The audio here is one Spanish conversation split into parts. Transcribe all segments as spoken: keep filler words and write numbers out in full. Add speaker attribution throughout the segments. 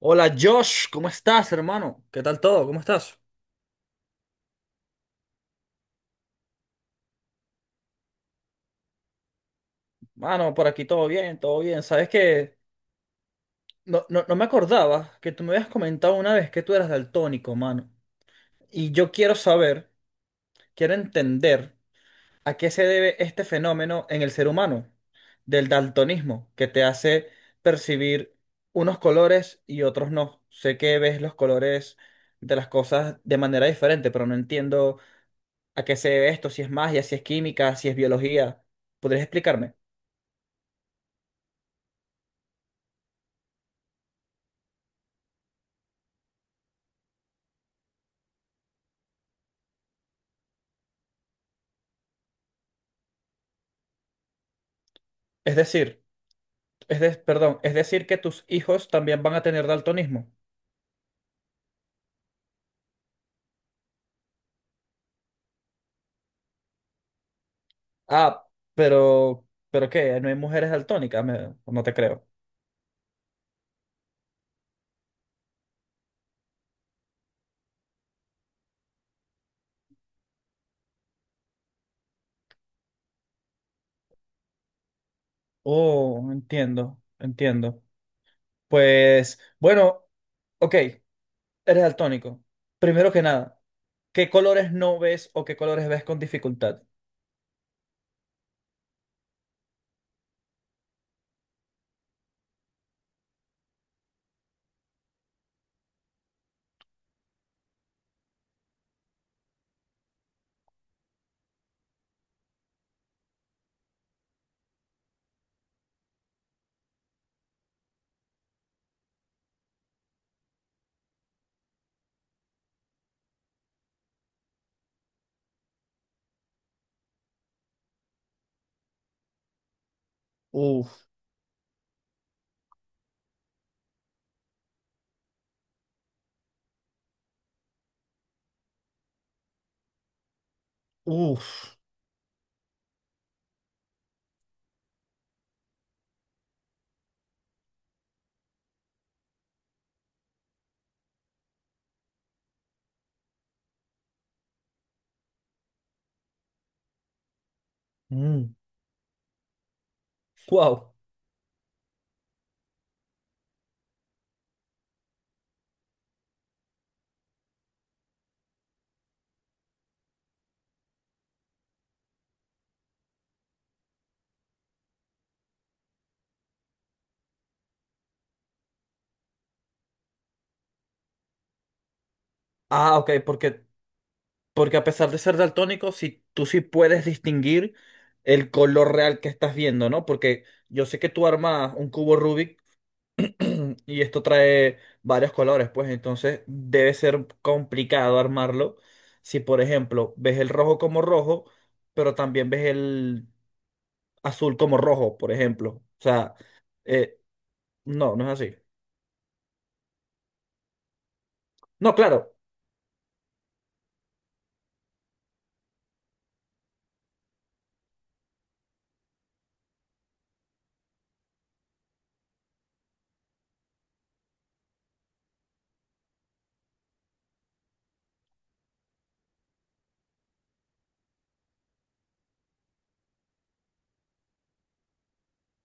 Speaker 1: Hola Josh, ¿cómo estás, hermano? ¿Qué tal todo? ¿Cómo estás? Mano, por aquí todo bien, todo bien. Sabes que no, no, no me acordaba que tú me habías comentado una vez que tú eras daltónico, mano. Y yo quiero saber, quiero entender a qué se debe este fenómeno en el ser humano, del daltonismo, que te hace percibir unos colores y otros no. Sé que ves los colores de las cosas de manera diferente, pero no entiendo a qué se debe esto, si es magia, si es química, si es biología. ¿Podrías explicarme? Es decir, es de- perdón, es decir que tus hijos también van a tener daltonismo. Ah, pero, ¿pero qué? ¿No hay mujeres daltónicas? Me- no te creo. Oh, entiendo, entiendo. Pues, bueno, ok, eres daltónico. Primero que nada, ¿qué colores no ves o qué colores ves con dificultad? Uf, uf, wow. Ah, ok, porque porque a pesar de ser daltónico, si tú sí puedes distinguir el color real que estás viendo, ¿no? Porque yo sé que tú armas un cubo Rubik y esto trae varios colores, pues entonces debe ser complicado armarlo. Si, por ejemplo, ves el rojo como rojo, pero también ves el azul como rojo, por ejemplo. O sea, eh, no, no es así. No, claro.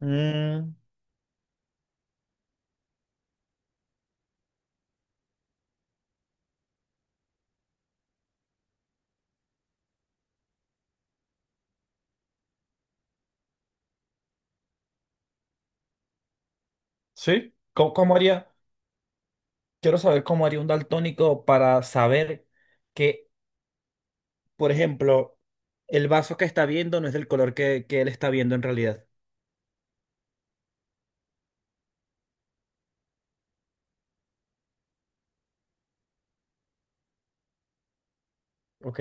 Speaker 1: Mm, ¿sí? ¿Cómo, cómo haría? Quiero saber cómo haría un daltónico para saber que, por ejemplo, el vaso que está viendo no es del color que, que él está viendo en realidad. Ok,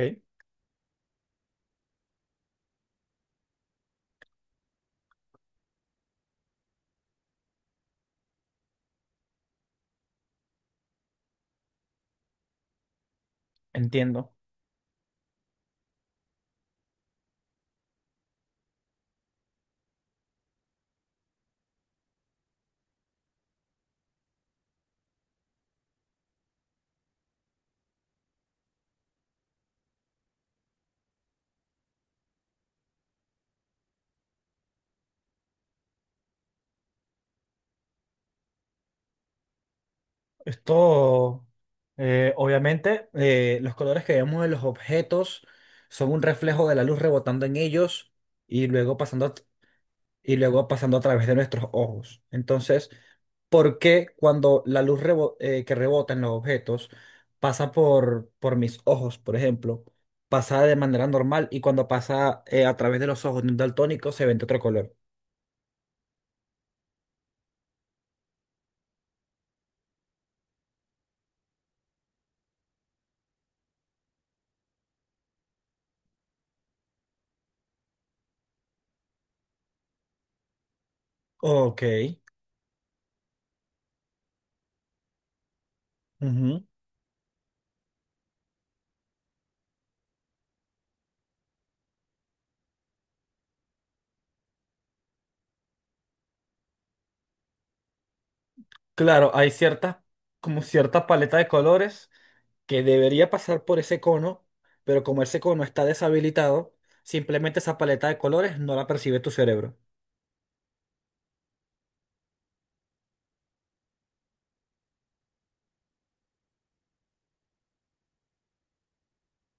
Speaker 1: entiendo. Esto, eh, obviamente, eh, los colores que vemos en los objetos son un reflejo de la luz rebotando en ellos y luego pasando y luego pasando a través de nuestros ojos. Entonces, ¿por qué cuando la luz rebo- eh, que rebota en los objetos pasa por, por mis ojos, por ejemplo, pasa de manera normal y cuando pasa eh, a través de los ojos de un daltónico se ve de otro color? Ok, ujú. Claro, hay cierta, como cierta paleta de colores que debería pasar por ese cono, pero como ese cono está deshabilitado, simplemente esa paleta de colores no la percibe tu cerebro.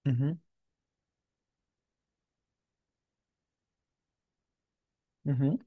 Speaker 1: Ujú, ujú.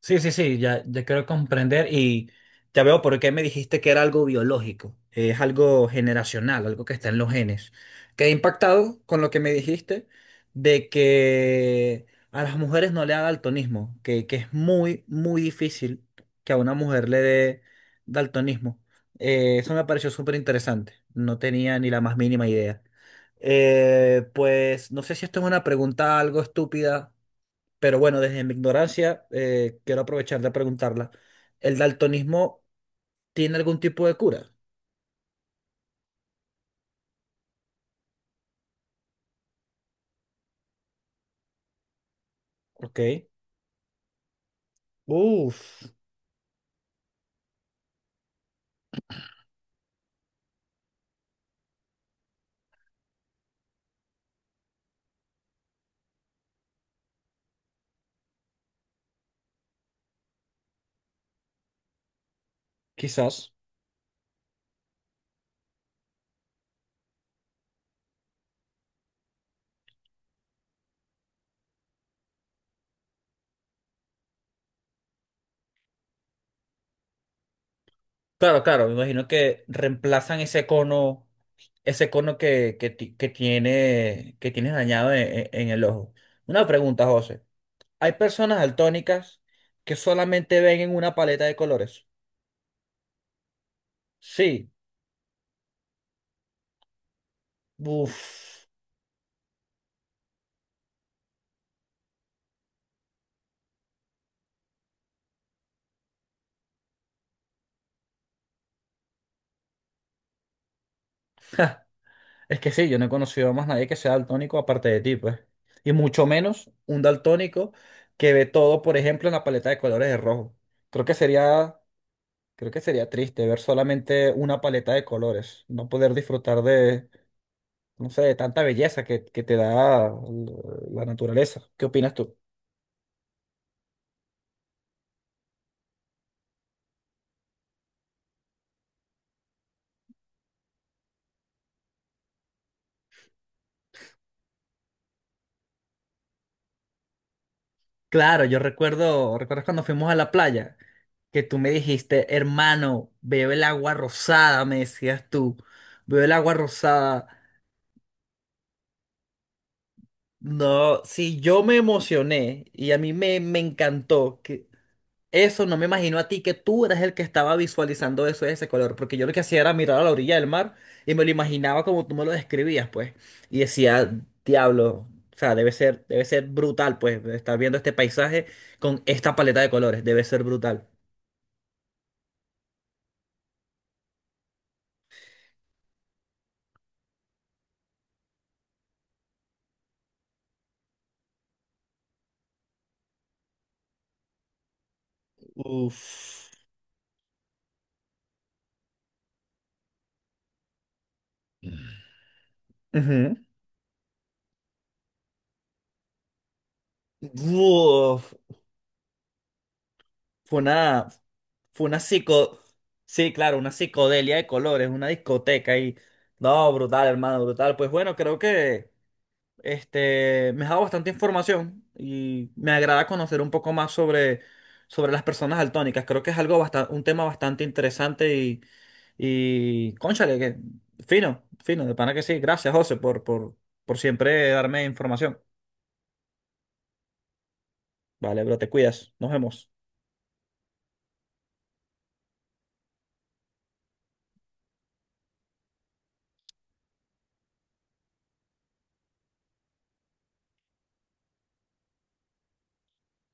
Speaker 1: Sí, sí, sí, ya, ya quiero comprender y ya veo por qué me dijiste que era algo biológico, es algo generacional, algo que está en los genes. Quedé impactado con lo que me dijiste de que a las mujeres no le da daltonismo, que, que es muy, muy difícil que a una mujer le dé daltonismo. Eh, eso me pareció súper interesante, no tenía ni la más mínima idea. Eh, pues no sé si esto es una pregunta algo estúpida, pero bueno, desde mi ignorancia, eh, quiero aprovechar de preguntarla. ¿El daltonismo tiene algún tipo de cura? Ok. Uf, quizás. Claro, claro, me imagino que reemplazan ese cono, ese cono que, que, ti- que tiene, que tienes dañado en, en- en el ojo. Una pregunta, José. ¿Hay personas daltónicas que solamente ven en una paleta de colores? Sí. Uf. Es que sí, yo no he conocido a más nadie que sea daltónico aparte de ti, pues. Y mucho menos un daltónico que ve todo, por ejemplo, en la paleta de colores de rojo. Creo que sería, creo que sería triste ver solamente una paleta de colores, no poder disfrutar de, no sé, de tanta belleza que, que te da l- la naturaleza. ¿Qué opinas tú? Claro, yo recuerdo, ¿recuerdas cuando fuimos a la playa? Que tú me dijiste, hermano, veo el agua rosada, me decías tú, veo el agua rosada. No, sí, yo me emocioné y a mí me, me encantó que eso, no me imagino a ti, que tú eras el que estaba visualizando eso de ese color, porque yo lo que hacía era mirar a la orilla del mar y me lo imaginaba como tú me lo describías, pues, y decía, diablo, o sea, debe ser, debe ser brutal, pues, estar viendo este paisaje con esta paleta de colores, debe ser brutal. Uf. Ujú. Uf, fue una. Fue una psico... Sí, claro, una psicodelia de colores, una discoteca y... No, brutal, hermano, brutal. Pues bueno, creo que este, me ha dado bastante información y me agrada conocer un poco más sobre, sobre las personas daltónicas. Creo que es algo bastante, un tema bastante interesante y, y cónchale, que fino, fino, de pana que sí. Gracias, José, por, por, por siempre darme información. Vale, bro, te cuidas. Nos vemos.